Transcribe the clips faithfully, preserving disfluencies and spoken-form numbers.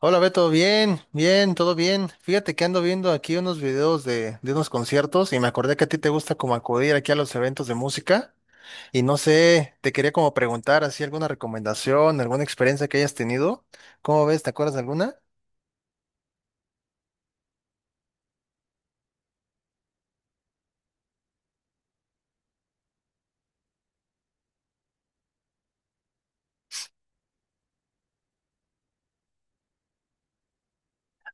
Hola Beto, bien, bien, todo bien. Fíjate que ando viendo aquí unos videos de, de unos conciertos y me acordé que a ti te gusta como acudir aquí a los eventos de música y no sé, te quería como preguntar así alguna recomendación, alguna experiencia que hayas tenido. ¿Cómo ves? ¿Te acuerdas de alguna?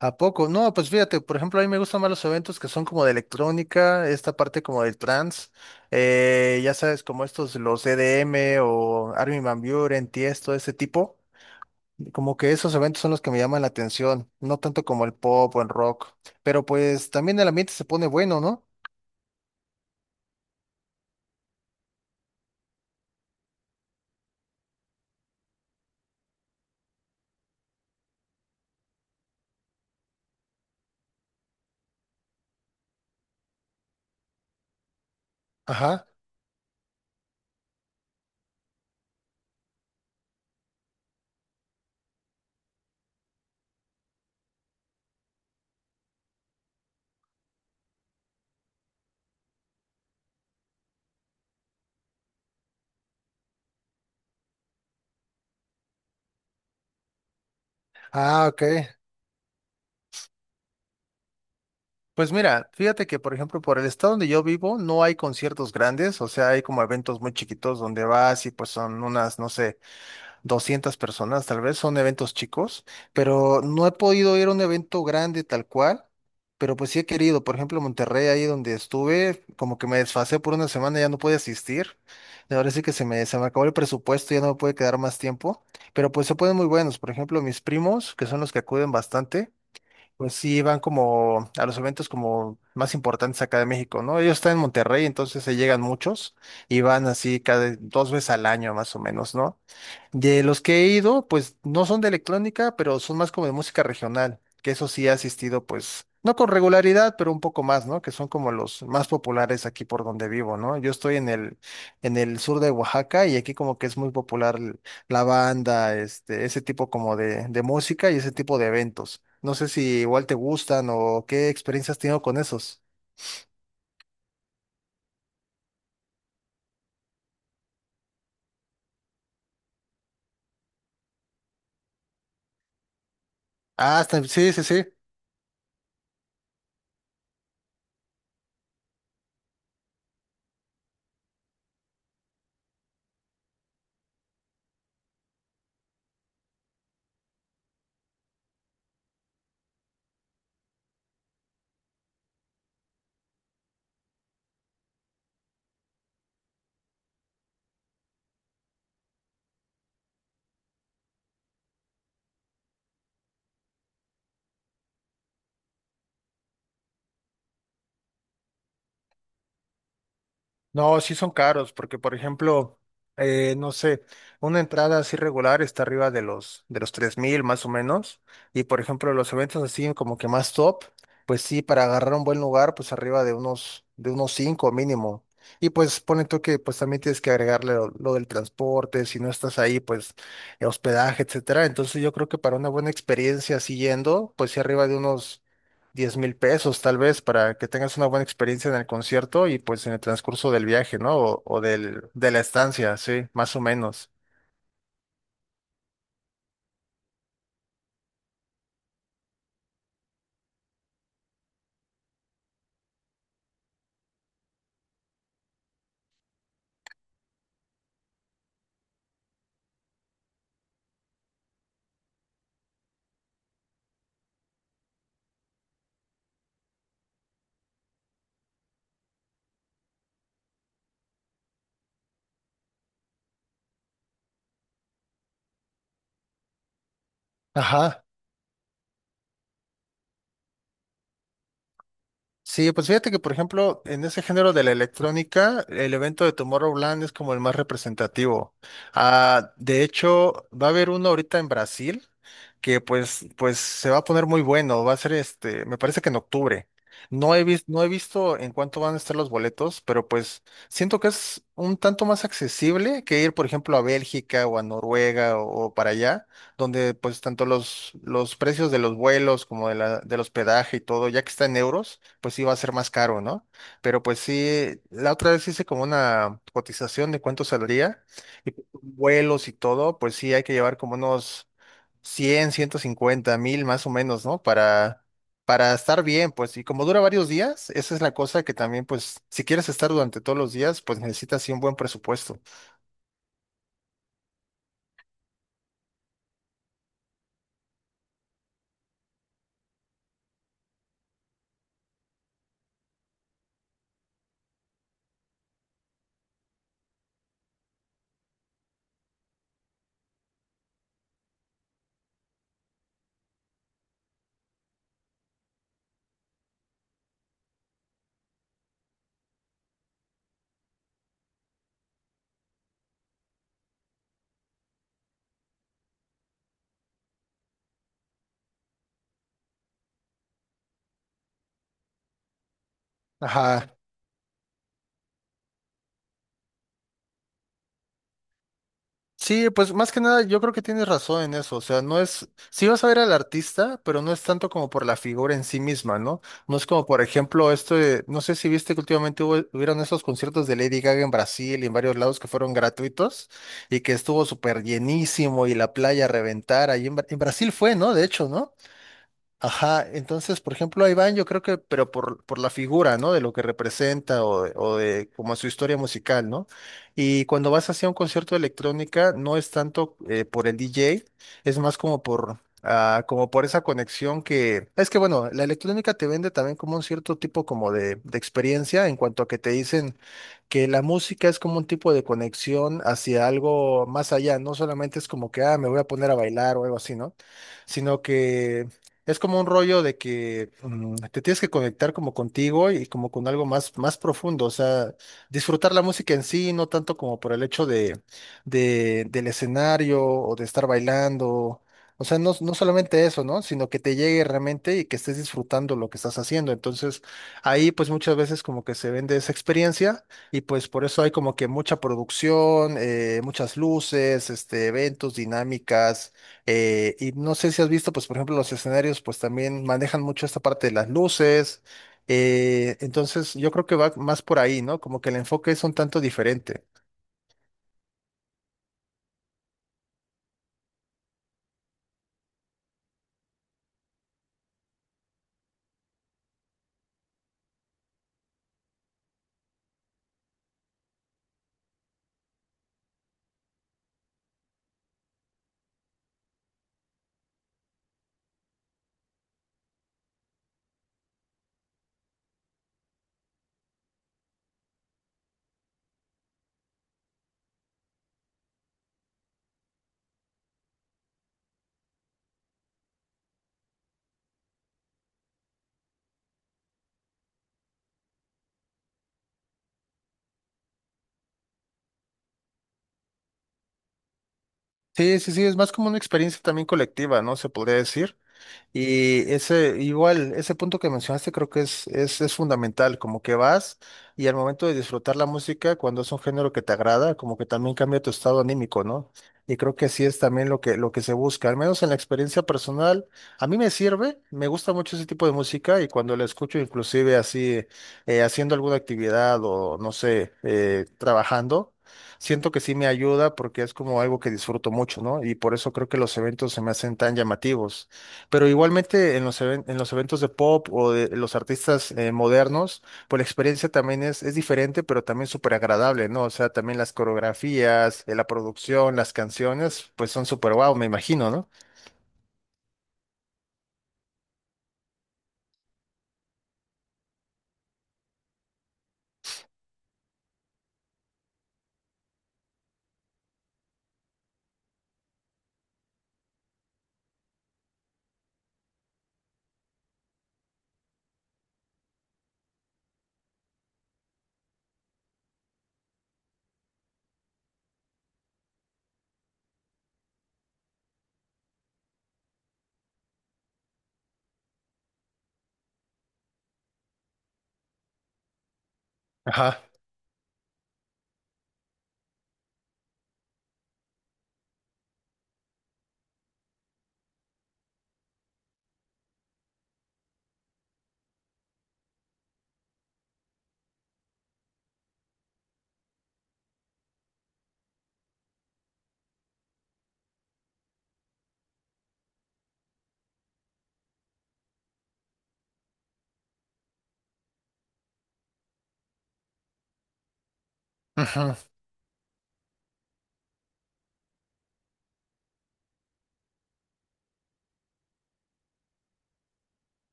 ¿A poco? No, pues fíjate, por ejemplo, a mí me gustan más los eventos que son como de electrónica, esta parte como del trance, eh, ya sabes, como estos, los E D M o Armin van Buuren, Tiesto, ese tipo. Como que esos eventos son los que me llaman la atención, no tanto como el pop o el rock, pero pues también el ambiente se pone bueno, ¿no? Ajá. Ah, ok. Pues mira, fíjate que por ejemplo por el estado donde yo vivo no hay conciertos grandes, o sea, hay como eventos muy chiquitos donde vas y pues son unas, no sé, doscientas personas, tal vez son eventos chicos, pero no he podido ir a un evento grande tal cual, pero pues sí he querido. Por ejemplo, Monterrey, ahí donde estuve, como que me desfasé por una semana, ya no pude asistir, de ahora sí que se me, se me acabó el presupuesto, ya no me puede quedar más tiempo, pero pues se ponen muy buenos. Por ejemplo, mis primos, que son los que acuden bastante, pues sí van como a los eventos como más importantes acá de México, ¿no? Ellos están en Monterrey, entonces se llegan muchos y van así cada dos veces al año más o menos, ¿no? De los que he ido, pues no son de electrónica, pero son más como de música regional, que eso sí he asistido, pues, no con regularidad, pero un poco más, ¿no? Que son como los más populares aquí por donde vivo, ¿no? Yo estoy en el, en el sur de Oaxaca y aquí como que es muy popular l- la banda, este, ese tipo como de, de música y ese tipo de eventos. No sé si igual te gustan o qué experiencias has tenido con esos. Ah, está- sí, sí, sí. No, sí son caros, porque por ejemplo, eh, no sé, una entrada así regular está arriba de los de los tres mil más o menos, y por ejemplo, los eventos así como que más top, pues sí, para agarrar un buen lugar, pues arriba de unos de unos cinco mínimo. Y pues pone tú que pues también tienes que agregarle lo, lo del transporte, si no estás ahí, pues eh, hospedaje, etcétera. Entonces yo creo que para una buena experiencia siguiendo, pues sí arriba de unos diez mil pesos tal vez para que tengas una buena experiencia en el concierto y pues en el transcurso del viaje, ¿no? O, o del, de la estancia, sí, más o menos. Ajá. Sí, pues fíjate que, por ejemplo, en ese género de la electrónica, el evento de Tomorrowland es como el más representativo. Ah, de hecho, va a haber uno ahorita en Brasil que pues, pues se va a poner muy bueno. Va a ser este, me parece que en octubre. No he visto, no he visto en cuánto van a estar los boletos, pero pues siento que es un tanto más accesible que ir, por ejemplo, a Bélgica o a Noruega o, o para allá, donde pues tanto los, los precios de los vuelos como de la, del hospedaje y todo, ya que está en euros, pues sí va a ser más caro, ¿no? Pero pues sí, la otra vez hice como una cotización de cuánto saldría y pues, con vuelos y todo, pues sí hay que llevar como unos cien, ciento cincuenta, mil más o menos, ¿no? Para, para estar bien, pues, y como dura varios días, esa es la cosa que también, pues si quieres estar durante todos los días, pues necesitas sí un buen presupuesto. Ajá. Sí, pues más que nada yo creo que tienes razón en eso, o sea, no es, sí vas a ver al artista, pero no es tanto como por la figura en sí misma, ¿no? No es como, por ejemplo, esto de, no sé si viste que últimamente hubo, hubieron esos conciertos de Lady Gaga en Brasil y en varios lados que fueron gratuitos y que estuvo súper llenísimo y la playa a reventar, ahí en, Bra- en Brasil fue, ¿no? De hecho, ¿no? Ajá, entonces, por ejemplo, a Iván, yo creo que, pero por, por la figura, ¿no? De lo que representa o, de- o de como su historia musical, ¿no? Y cuando vas hacia un concierto de electrónica, no es tanto eh, por el D J, es más como por, ah, como por esa conexión que, es que bueno, la electrónica te vende también como un cierto tipo como de, de experiencia en cuanto a que te dicen que la música es como un tipo de conexión hacia algo más allá, no solamente es como que, ah, me voy a poner a bailar o algo así, ¿no? Sino que es como un rollo de que mm, te tienes que conectar como contigo y como con algo más, más profundo, o sea, disfrutar la música en sí, no tanto como por el hecho de, de- del escenario o de estar bailando, o sea, no, no solamente eso, ¿no? Sino que te llegue realmente y que estés disfrutando lo que estás haciendo. Entonces, ahí pues muchas veces como que se vende esa experiencia y pues por eso hay como que mucha producción, eh, muchas luces, este, eventos, dinámicas, eh, y no sé si has visto, pues por ejemplo, los escenarios, pues también manejan mucho esta parte de las luces. Eh, entonces, yo creo que va más por ahí, ¿no? Como que el enfoque es un tanto diferente. Sí, sí, sí, es más como una experiencia también colectiva, ¿no? Se podría decir. Y ese, igual, ese punto que mencionaste creo que es, es, es fundamental, como que vas y al momento de disfrutar la música, cuando es un género que te agrada, como que también cambia tu estado anímico, ¿no? Y creo que así es también lo que, lo que se busca, al menos en la experiencia personal, a mí me sirve, me gusta mucho ese tipo de música y cuando la escucho inclusive así, eh, haciendo alguna actividad o no sé, eh, trabajando. Siento que sí me ayuda porque es como algo que disfruto mucho, ¿no? Y por eso creo que los eventos se me hacen tan llamativos. Pero igualmente en los, even- en los eventos de pop o de los artistas eh, modernos, pues la experiencia también es, es diferente, pero también súper agradable, ¿no? O sea, también las coreografías, eh, la producción, las canciones, pues son súper guau, me imagino, ¿no? Ajá.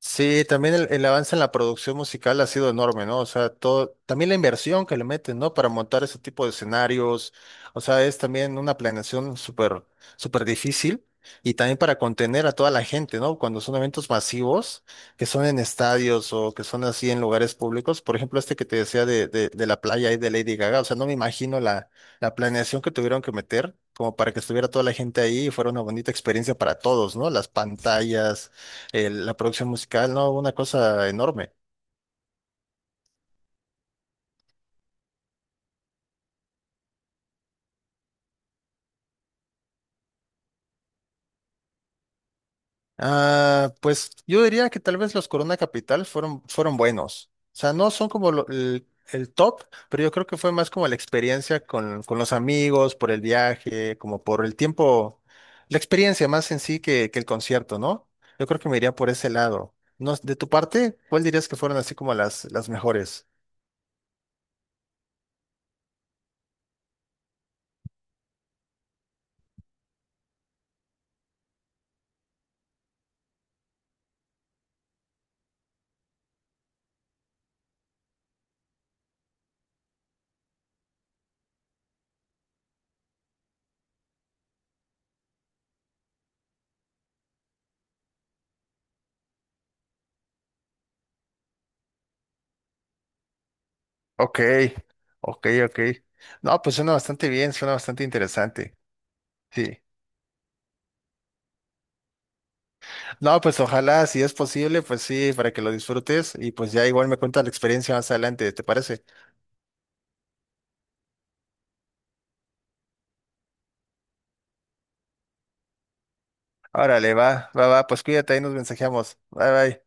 Sí, también el, el avance en la producción musical ha sido enorme, ¿no? O sea, todo, también la inversión que le meten, ¿no? Para montar ese tipo de escenarios, o sea, es también una planeación súper, súper difícil y también para contener a toda la gente, ¿no? Cuando son eventos masivos, que son en estadios o que son así en lugares públicos, por ejemplo, este que te decía de, de, de la playa y de Lady Gaga, o sea, no me imagino la, la planeación que tuvieron que meter, como para que estuviera toda la gente ahí y fuera una bonita experiencia para todos, ¿no? Las pantallas, el- la producción musical, ¿no? Una cosa enorme. Ah, pues yo diría que tal vez los Corona Capital fueron, fueron buenos. O sea, no son como lo- el, el top, pero yo creo que fue más como la experiencia con, con los amigos, por el viaje, como por el tiempo, la experiencia más en sí que, que el concierto, ¿no? Yo creo que me iría por ese lado. No, de tu parte, ¿cuál dirías que fueron así como las, las mejores? Ok, ok, ok. No, pues suena bastante bien, suena bastante interesante. Sí. No, pues ojalá, si es posible, pues sí, para que lo disfrutes y pues ya igual me cuentas la experiencia más adelante, ¿te parece? Órale, va, va, va, pues cuídate, ahí nos mensajeamos. Bye, bye.